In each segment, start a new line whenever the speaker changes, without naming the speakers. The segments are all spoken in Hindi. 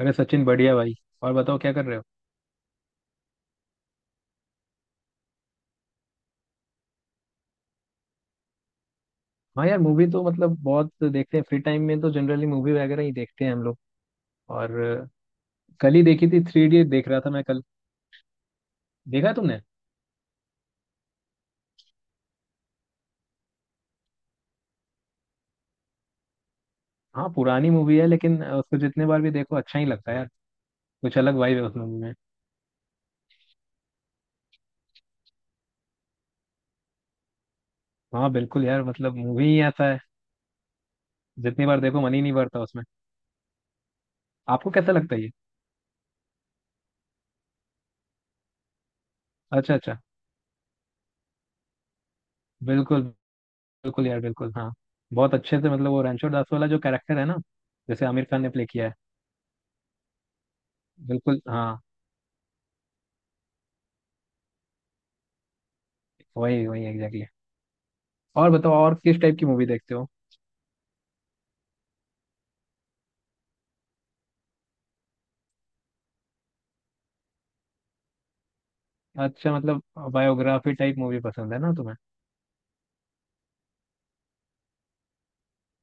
अरे सचिन बढ़िया भाई। और बताओ क्या कर रहे हो। हाँ यार, मूवी तो मतलब बहुत देखते हैं फ्री टाइम में, तो जनरली मूवी वगैरह ही देखते हैं हम लोग। और कल ही देखी थी, थ्री इडियट देख रहा था मैं कल। देखा है तुमने? हाँ पुरानी मूवी है, लेकिन उसको जितने बार भी देखो अच्छा ही लगता है यार। कुछ अलग वाइब है उस मूवी में। हाँ बिल्कुल यार, मतलब मूवी ही ऐसा है। जितनी बार देखो मन ही नहीं भरता उसमें। आपको कैसा लगता है ये? अच्छा अच्छा। बिल्कुल बिल्कुल यार, बिल्कुल हाँ। बहुत अच्छे से, मतलब वो रणछोड़ दास वाला जो कैरेक्टर है ना, जैसे आमिर खान ने प्ले किया है। बिल्कुल हाँ। वही वही एग्जैक्टली। और बताओ, और किस टाइप की मूवी देखते हो? अच्छा, मतलब बायोग्राफी टाइप मूवी पसंद है ना तुम्हें?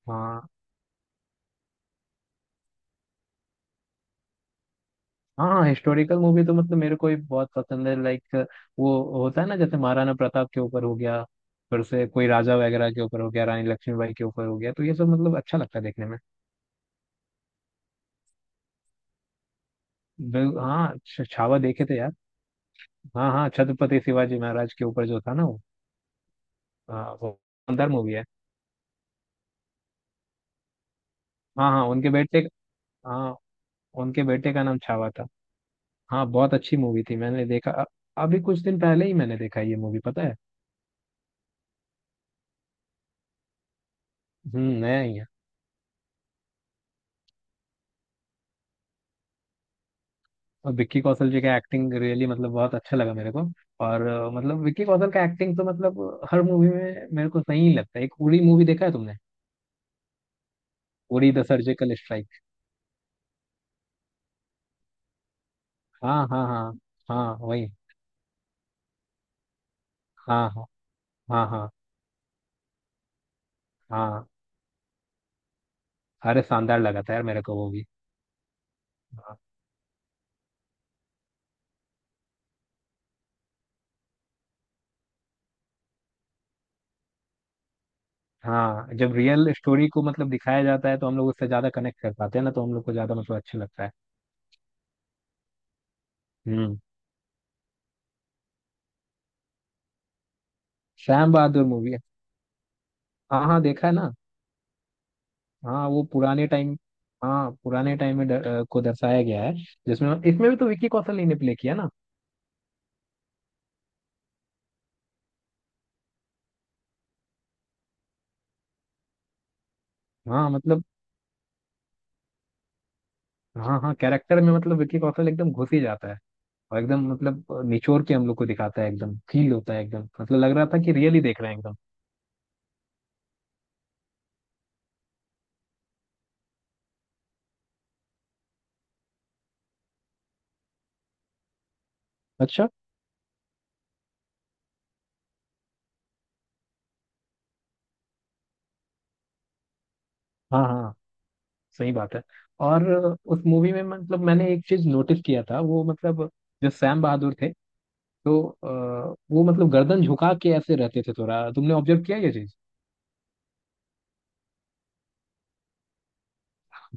हाँ हाँ, हिस्टोरिकल मूवी तो मतलब मेरे को भी बहुत पसंद है, लाइक वो होता है ना, जैसे महाराणा प्रताप के ऊपर हो गया, फिर से कोई राजा वगैरह के ऊपर हो गया, रानी लक्ष्मीबाई के ऊपर हो गया, तो ये सब मतलब अच्छा लगता है देखने में। हाँ छावा देखे थे यार। हाँ हाँ, छत्रपति शिवाजी महाराज के ऊपर जो था ना, वो। हाँ, वो शानदार मूवी है। हाँ हाँ उनके बेटे। हाँ उनके बेटे का नाम छावा था। हाँ बहुत अच्छी मूवी थी, मैंने देखा अभी कुछ दिन पहले ही मैंने देखा ये मूवी, पता है। हम्म, नया ही है। और विक्की कौशल जी का एक्टिंग रियली मतलब बहुत अच्छा लगा मेरे को। और मतलब विक्की कौशल का एक्टिंग तो मतलब हर मूवी में मेरे को सही ही लगता है। एक उरी मूवी देखा है तुमने? Uri the surgical strike. हाँ हाँ हाँ हाँ। वही। हाँ हाँ हाँ हाँ हाँ। अरे शानदार लगा था यार, मेरे को वो भी। हाँ, हाँ, जब रियल स्टोरी को मतलब दिखाया जाता है तो हम लोग उससे ज्यादा कनेक्ट कर पाते हैं ना, तो हम लोग को ज्यादा मतलब अच्छा लगता है। हम्म। श्याम बहादुर मूवी। हाँ हाँ देखा है ना। हाँ वो पुराने टाइम। हाँ पुराने टाइम में को दर्शाया गया है, जिसमें, इसमें भी तो विक्की कौशल ही ने प्ले किया ना। हाँ मतलब। हाँ हाँ कैरेक्टर में मतलब विक्की कौशल एकदम घुस ही जाता है। और एकदम मतलब निचोड़ के हम लोग को दिखाता है, एकदम फील होता है, एकदम मतलब लग रहा था कि रियली देख रहे हैं एकदम। अच्छा। हाँ हाँ सही बात है। और उस मूवी में मतलब मैंने एक चीज नोटिस किया था वो मतलब, जो सैम बहादुर थे तो वो मतलब गर्दन झुका के ऐसे रहते थे थोड़ा, तुमने ऑब्जर्व किया ये चीज?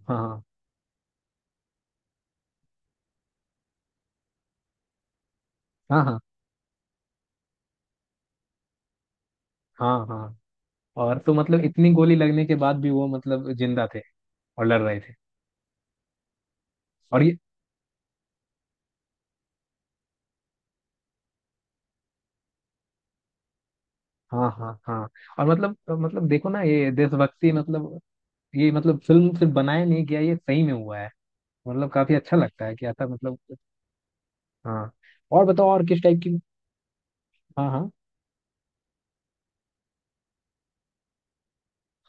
हाँ हाँ हाँ हाँ हाँ हाँ। और तो मतलब इतनी गोली लगने के बाद भी वो मतलब जिंदा थे और लड़ रहे थे। और ये हाँ हाँ हाँ। और मतलब मतलब देखो ना, ये देशभक्ति मतलब, ये मतलब फिल्म सिर्फ बनाया नहीं गया, ये सही में हुआ है। मतलब काफी अच्छा लगता है कि ऐसा मतलब। हाँ। और बताओ और किस टाइप की। हाँ हाँ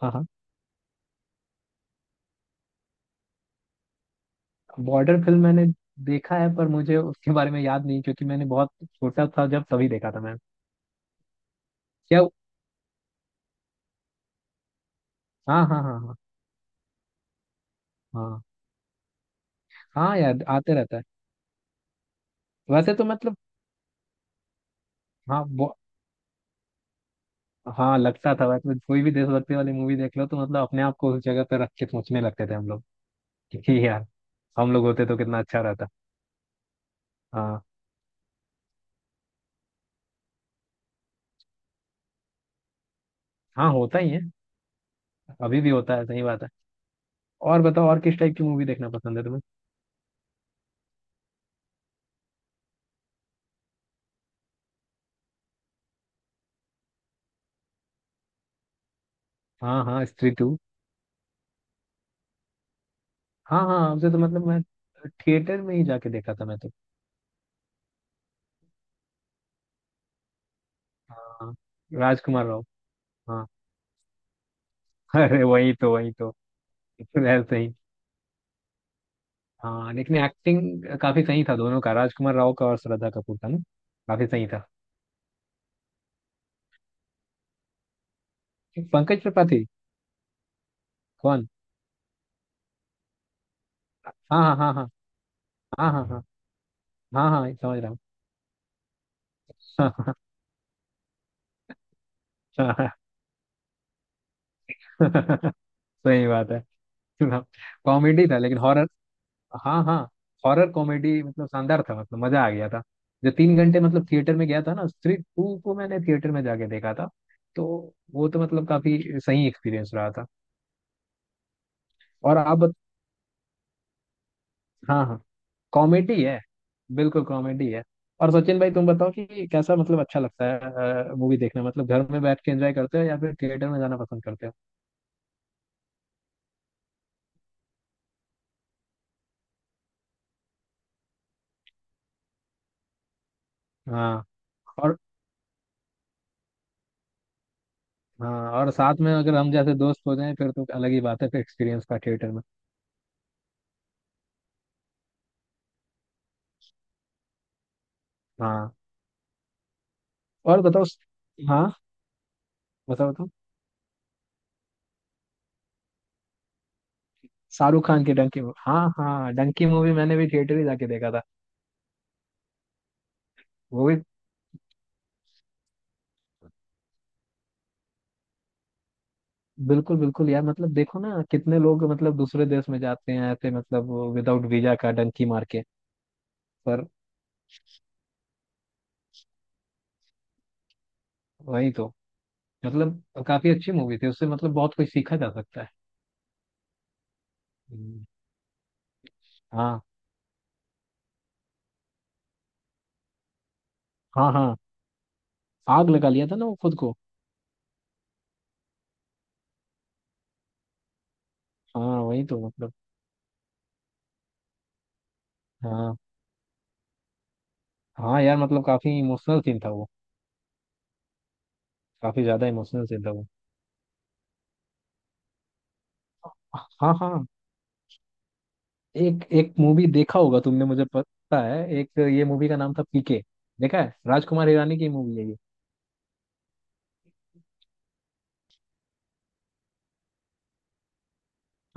हाँ हाँ। बॉर्डर फिल्म मैंने देखा है, पर मुझे उसके बारे में याद नहीं, क्योंकि मैंने बहुत छोटा था जब तभी देखा था मैंने। क्या? हाँ हाँ हाँ हाँ। हाँ हाँ यार आते रहता है। वैसे तो मतलब। हाँ। हाँ लगता था भाई, तो कोई भी देशभक्ति वाली मूवी देख लो तो मतलब अपने आप को उस जगह पे रख के सोचने लगते थे हम लोग, कि यार हम लोग होते तो कितना अच्छा रहता। हाँ हाँ होता ही है। अभी भी होता है, सही बात है। और बताओ, और किस टाइप की मूवी देखना पसंद है तुम्हें? हाँ हाँ स्त्री टू। हाँ हाँ उसे तो मतलब मैं थिएटर में ही जाके देखा था मैं तो। हाँ राजकुमार राव। हाँ अरे वही तो, वही तो। ऐसे ही। हाँ लेकिन एक्टिंग काफी सही था दोनों का, राजकुमार राव का और श्रद्धा कपूर का ना। काफी सही था। पंकज त्रिपाठी। कौन? हाँ हाँ हाँ हाँ। हाँ हाँ हाँ हाँ। हाँ समझ रहा हूँ। हाँ। हाँ, हाँ, सही बात है। हाँ, कॉमेडी था लेकिन हॉरर। हाँ हाँ। हॉरर कॉमेडी मतलब शानदार था, मतलब मजा आ गया था। जो तीन घंटे मतलब थिएटर में गया था ना, स्त्री टू को मैंने थिएटर में जाके देखा था, तो वो तो मतलब काफी सही एक्सपीरियंस रहा था। और आप हाँ हाँ कॉमेडी है, बिल्कुल कॉमेडी है। और सचिन भाई, तुम बताओ कि कैसा मतलब अच्छा लगता है मूवी देखना, मतलब घर में बैठ के एंजॉय करते हो या फिर थिएटर में जाना पसंद करते हो? हाँ हाँ। और साथ में अगर हम जैसे दोस्त हो जाएं फिर तो अलग ही बात है, फिर एक्सपीरियंस का थिएटर में। हाँ। और बताओ। हाँ बताओ बताओ। शाहरुख खान की डंकी मूवी, हाँ हाँ डंकी मूवी मैंने भी थिएटर ही जाके देखा था। वो भी। बिल्कुल बिल्कुल यार, मतलब देखो ना कितने लोग मतलब दूसरे देश में जाते हैं ऐसे, मतलब विदाउट वीजा का डंकी मार के। पर वही तो। मतलब काफी अच्छी मूवी थी, उससे मतलब बहुत कुछ सीखा जा सकता है। हम्म, हाँ। हाँ हाँ आग लगा लिया था ना वो खुद को। हाँ वही तो मतलब। हाँ हाँ यार मतलब काफी इमोशनल सीन था वो। काफी ज्यादा इमोशनल सीन था वो। हाँ हाँ। एक एक मूवी देखा होगा तुमने, मुझे पता है, एक ये मूवी का नाम था पीके। देखा है? राजकुमार हिरानी की मूवी है ये।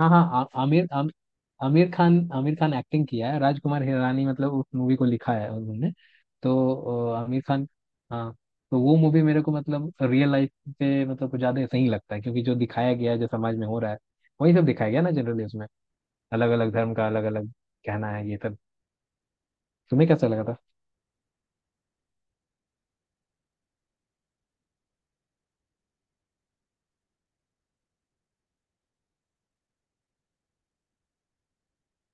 हाँ हाँ आमिर खान, आमिर खान एक्टिंग किया है, राजकुमार हिरानी मतलब उस मूवी को लिखा है उन्होंने। तो आमिर खान। हाँ। तो वो मूवी मेरे को मतलब रियल लाइफ पे मतलब कुछ ज्यादा सही लगता है, क्योंकि जो दिखाया गया है जो समाज में हो रहा है वही सब दिखाया गया ना जनरली उसमें। अलग अलग धर्म का अलग अलग कहना है ये सब। तुम्हें कैसा लगा था?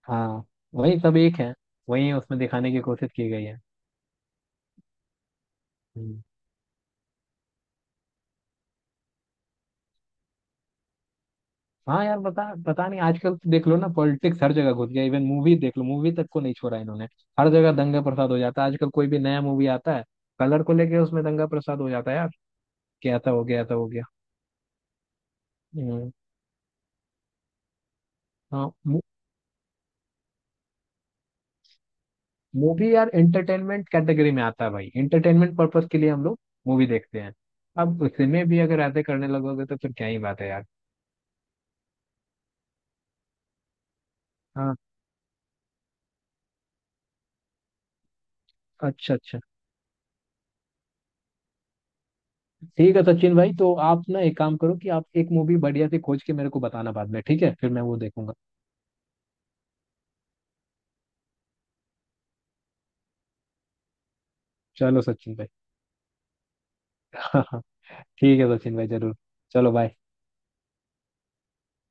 हाँ वही, सब एक है। वही उसमें दिखाने की कोशिश की गई है। हम्म। हाँ यार, पता पता नहीं, आजकल तो देख लो ना, पॉलिटिक्स हर जगह घुस गया, इवन मूवी देख लो, मूवी तक को नहीं छोड़ा इन्होंने। हर जगह दंगा प्रसाद हो जाता है आजकल, कोई भी नया मूवी आता है कलर को लेके उसमें दंगा प्रसाद हो जाता है यार, कि ऐसा हो गया, ऐसा हो गया। हम्म, हाँ। मूवी यार एंटरटेनमेंट कैटेगरी में आता है भाई, एंटरटेनमेंट पर्पस के लिए हम लोग मूवी देखते हैं। अब उसमें भी अगर ऐसे करने लगोगे तो फिर क्या ही बात है यार। हाँ। अच्छा अच्छा। ठीक है सचिन भाई, तो आप ना एक काम करो, कि आप एक मूवी बढ़िया से खोज के मेरे को बताना बाद में, ठीक है, फिर मैं वो देखूंगा। चलो सचिन भाई। ठीक है सचिन भाई, जरूर। चलो बाय।